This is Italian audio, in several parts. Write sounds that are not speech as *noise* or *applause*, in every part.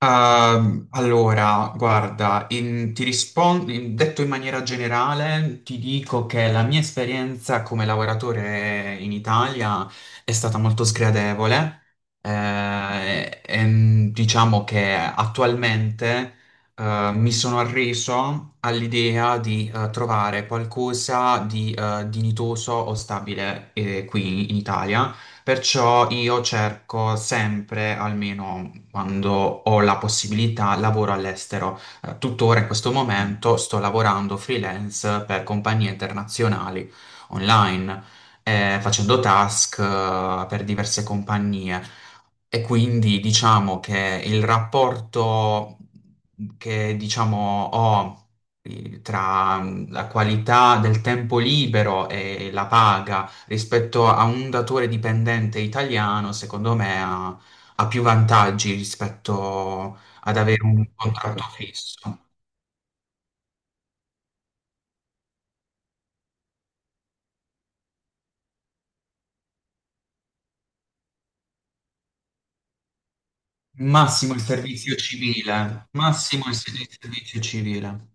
Allora, guarda, ti rispondo, detto in maniera generale, ti dico che la mia esperienza come lavoratore in Italia è stata molto sgradevole. Diciamo che attualmente, mi sono arreso all'idea di, trovare qualcosa di, dignitoso o stabile, qui in Italia. Perciò io cerco sempre, almeno quando ho la possibilità, lavoro all'estero. Tuttora in questo momento sto lavorando freelance per compagnie internazionali online, facendo task, per diverse compagnie. E quindi diciamo che il rapporto che diciamo ho tra la qualità del tempo libero e la paga rispetto a un datore dipendente italiano, secondo me ha più vantaggi rispetto ad avere un contratto fisso. Massimo il servizio civile, massimo il servizio civile.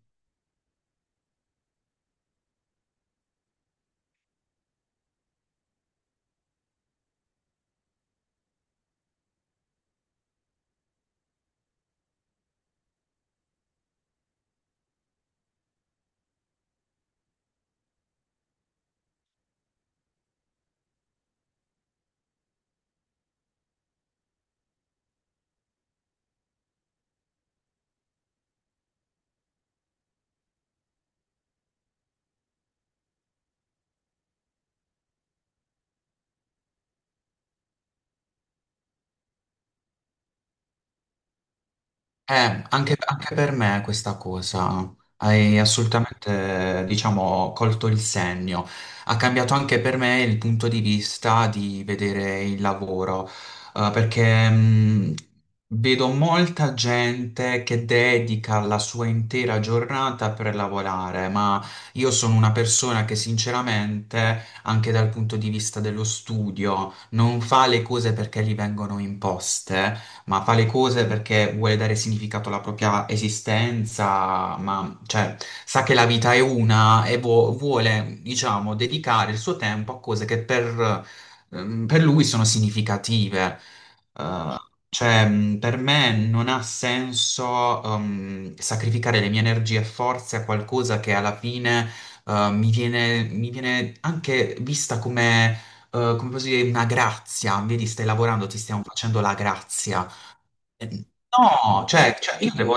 Anche per me questa cosa hai assolutamente, diciamo, colto il segno. Ha cambiato anche per me il punto di vista di vedere il lavoro, perché vedo molta gente che dedica la sua intera giornata per lavorare, ma io sono una persona che sinceramente, anche dal punto di vista dello studio, non fa le cose perché gli vengono imposte ma fa le cose perché vuole dare significato alla propria esistenza, ma cioè, sa che la vita è una e vuole, diciamo, dedicare il suo tempo a cose che per lui sono significative. Eh, cioè, per me non ha senso, sacrificare le mie energie e forze a qualcosa che alla fine, mi viene anche vista come, come posso dire, una grazia. Vedi, stai lavorando, ti stiamo facendo la grazia. No, cioè, io devo...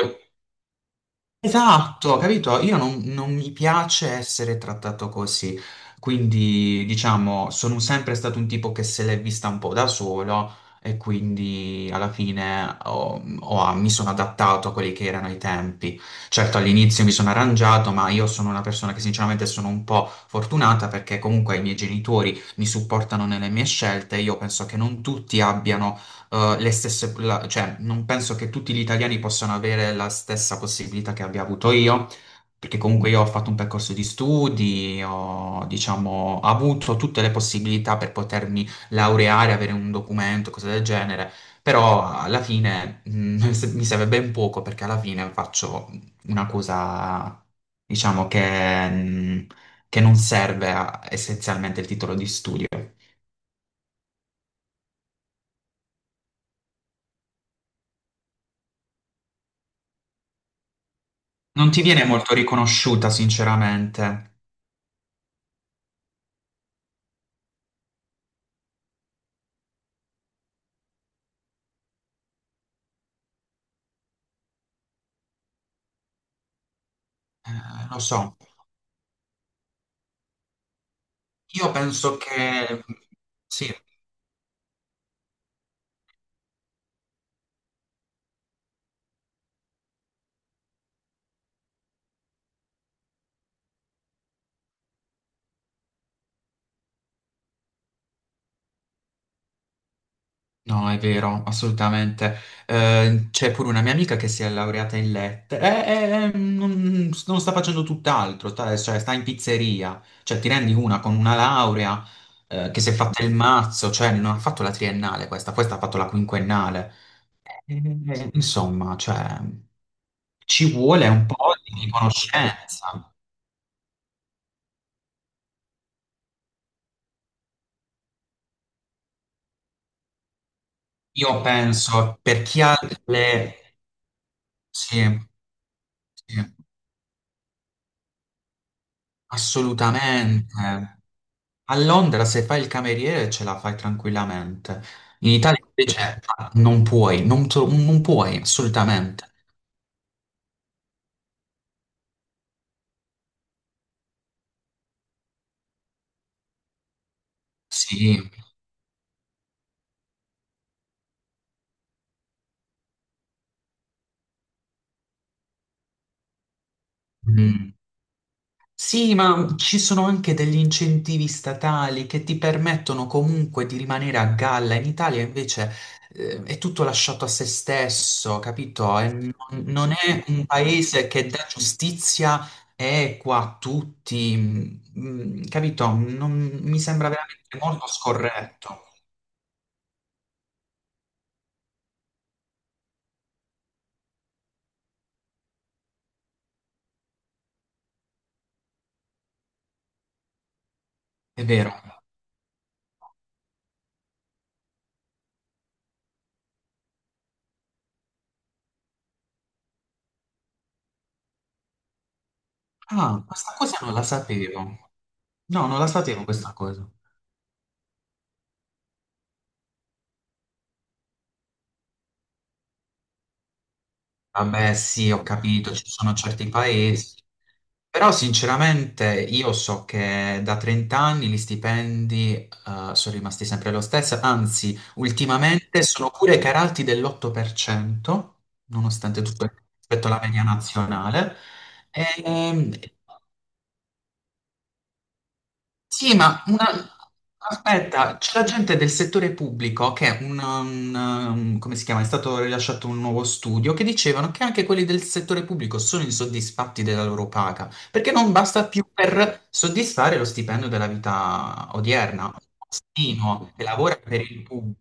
Esatto, capito? Io non mi piace essere trattato così, quindi diciamo, sono sempre stato un tipo che se l'è vista un po' da solo e quindi alla fine mi sono adattato a quelli che erano i tempi. Certo, all'inizio mi sono arrangiato, ma io sono una persona che sinceramente sono un po' fortunata perché comunque i miei genitori mi supportano nelle mie scelte. Io penso che non tutti abbiano cioè, non penso che tutti gli italiani possano avere la stessa possibilità che abbia avuto io, perché comunque io ho fatto un percorso di studi, ho, diciamo, avuto tutte le possibilità per potermi laureare, avere un documento, cose del genere, però alla fine, *laughs* mi serve ben poco perché alla fine faccio una cosa, diciamo, che non serve essenzialmente il titolo di studio. Non ti viene molto riconosciuta, sinceramente. Lo so, io penso che sì, no, è vero, assolutamente. C'è pure una mia amica che si è laureata in lettere e non, non sta facendo tutt'altro, sta, cioè, sta in pizzeria, cioè ti rendi una con una laurea che si è fatta il mazzo, cioè non ha fatto la triennale questa, questa ha fatto la quinquennale. Insomma, cioè, ci vuole un po' di conoscenza. Io penso per chi ha le... Sì, sì. Assolutamente. A Londra se fai il cameriere ce la fai tranquillamente. In Italia invece ah, non puoi, non, non puoi, assolutamente. Sì. Mm. Sì, ma ci sono anche degli incentivi statali che ti permettono comunque di rimanere a galla. In Italia invece è tutto lasciato a se stesso, capito? E non è un paese che dà giustizia equa a tutti, capito? Mi sembra veramente molto scorretto, è vero. Ah, questa cosa non la sapevo. No, non la sapevo questa cosa. Vabbè, sì, ho capito, ci sono certi paesi, però sinceramente io so che da 30 anni gli stipendi sono rimasti sempre lo stesso, anzi, ultimamente sono pure calati dell'8%, nonostante tutto rispetto alla media nazionale. E, sì, ma una... aspetta, c'è la gente del settore pubblico che è un, come si chiama? È stato rilasciato un nuovo studio che dicevano che anche quelli del settore pubblico sono insoddisfatti della loro paga, perché non basta più per soddisfare lo stipendio della vita odierna. Un postino che lavora per il pubblico.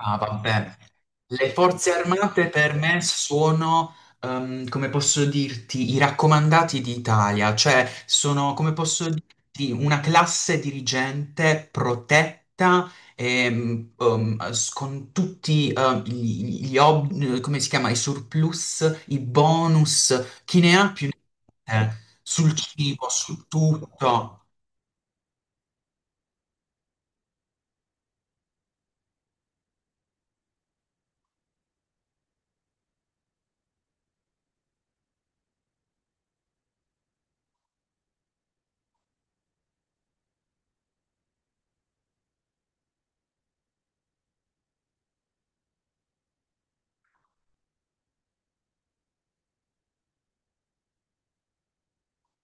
Ah, vabbè. Le forze armate per me sono, come posso dirti, i raccomandati d'Italia, cioè sono, come posso dirti, una classe dirigente protetta con tutti gli, come si chiama, i surplus, i bonus, chi ne ha più ne ha, sul cibo, su tutto.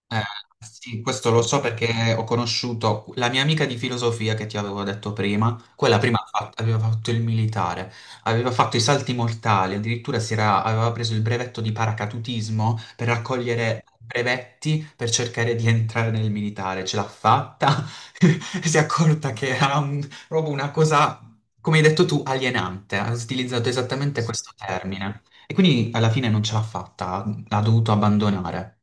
Eh, sì, questo lo so perché ho conosciuto la mia amica di filosofia che ti avevo detto prima, quella prima aveva fatto il militare, aveva fatto i salti mortali, addirittura aveva preso il brevetto di paracadutismo per raccogliere brevetti per cercare di entrare nel militare, ce l'ha fatta, *laughs* e si è accorta che era proprio una cosa, come hai detto tu, alienante, ha utilizzato esattamente questo termine e quindi alla fine non ce l'ha fatta, l'ha dovuto abbandonare.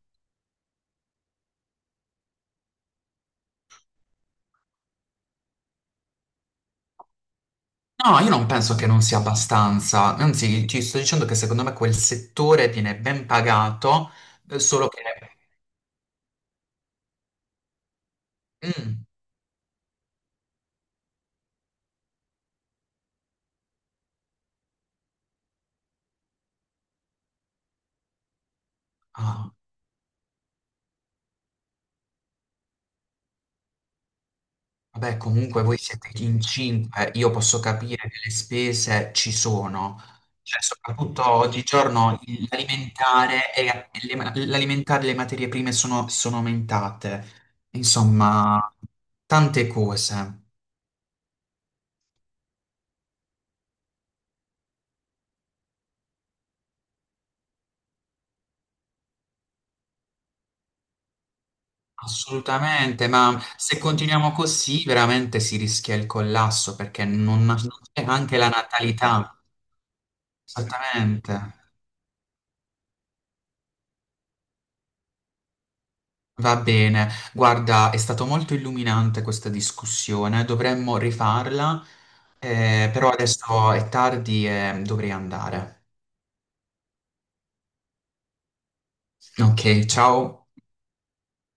No, io non penso che non sia abbastanza, anzi ti sto dicendo che secondo me quel settore viene ben pagato, solo che... Mm, ah, vabbè, comunque voi siete in 5, io posso capire che le spese ci sono, cioè soprattutto oggigiorno l'alimentare e l'alimentare e le materie prime sono, sono aumentate, insomma, tante cose. Assolutamente, ma se continuiamo così veramente si rischia il collasso perché non, non c'è anche la natalità. Esattamente. Va bene. Guarda, è stato molto illuminante questa discussione, dovremmo rifarla, però adesso è tardi e dovrei andare. Ok, ciao.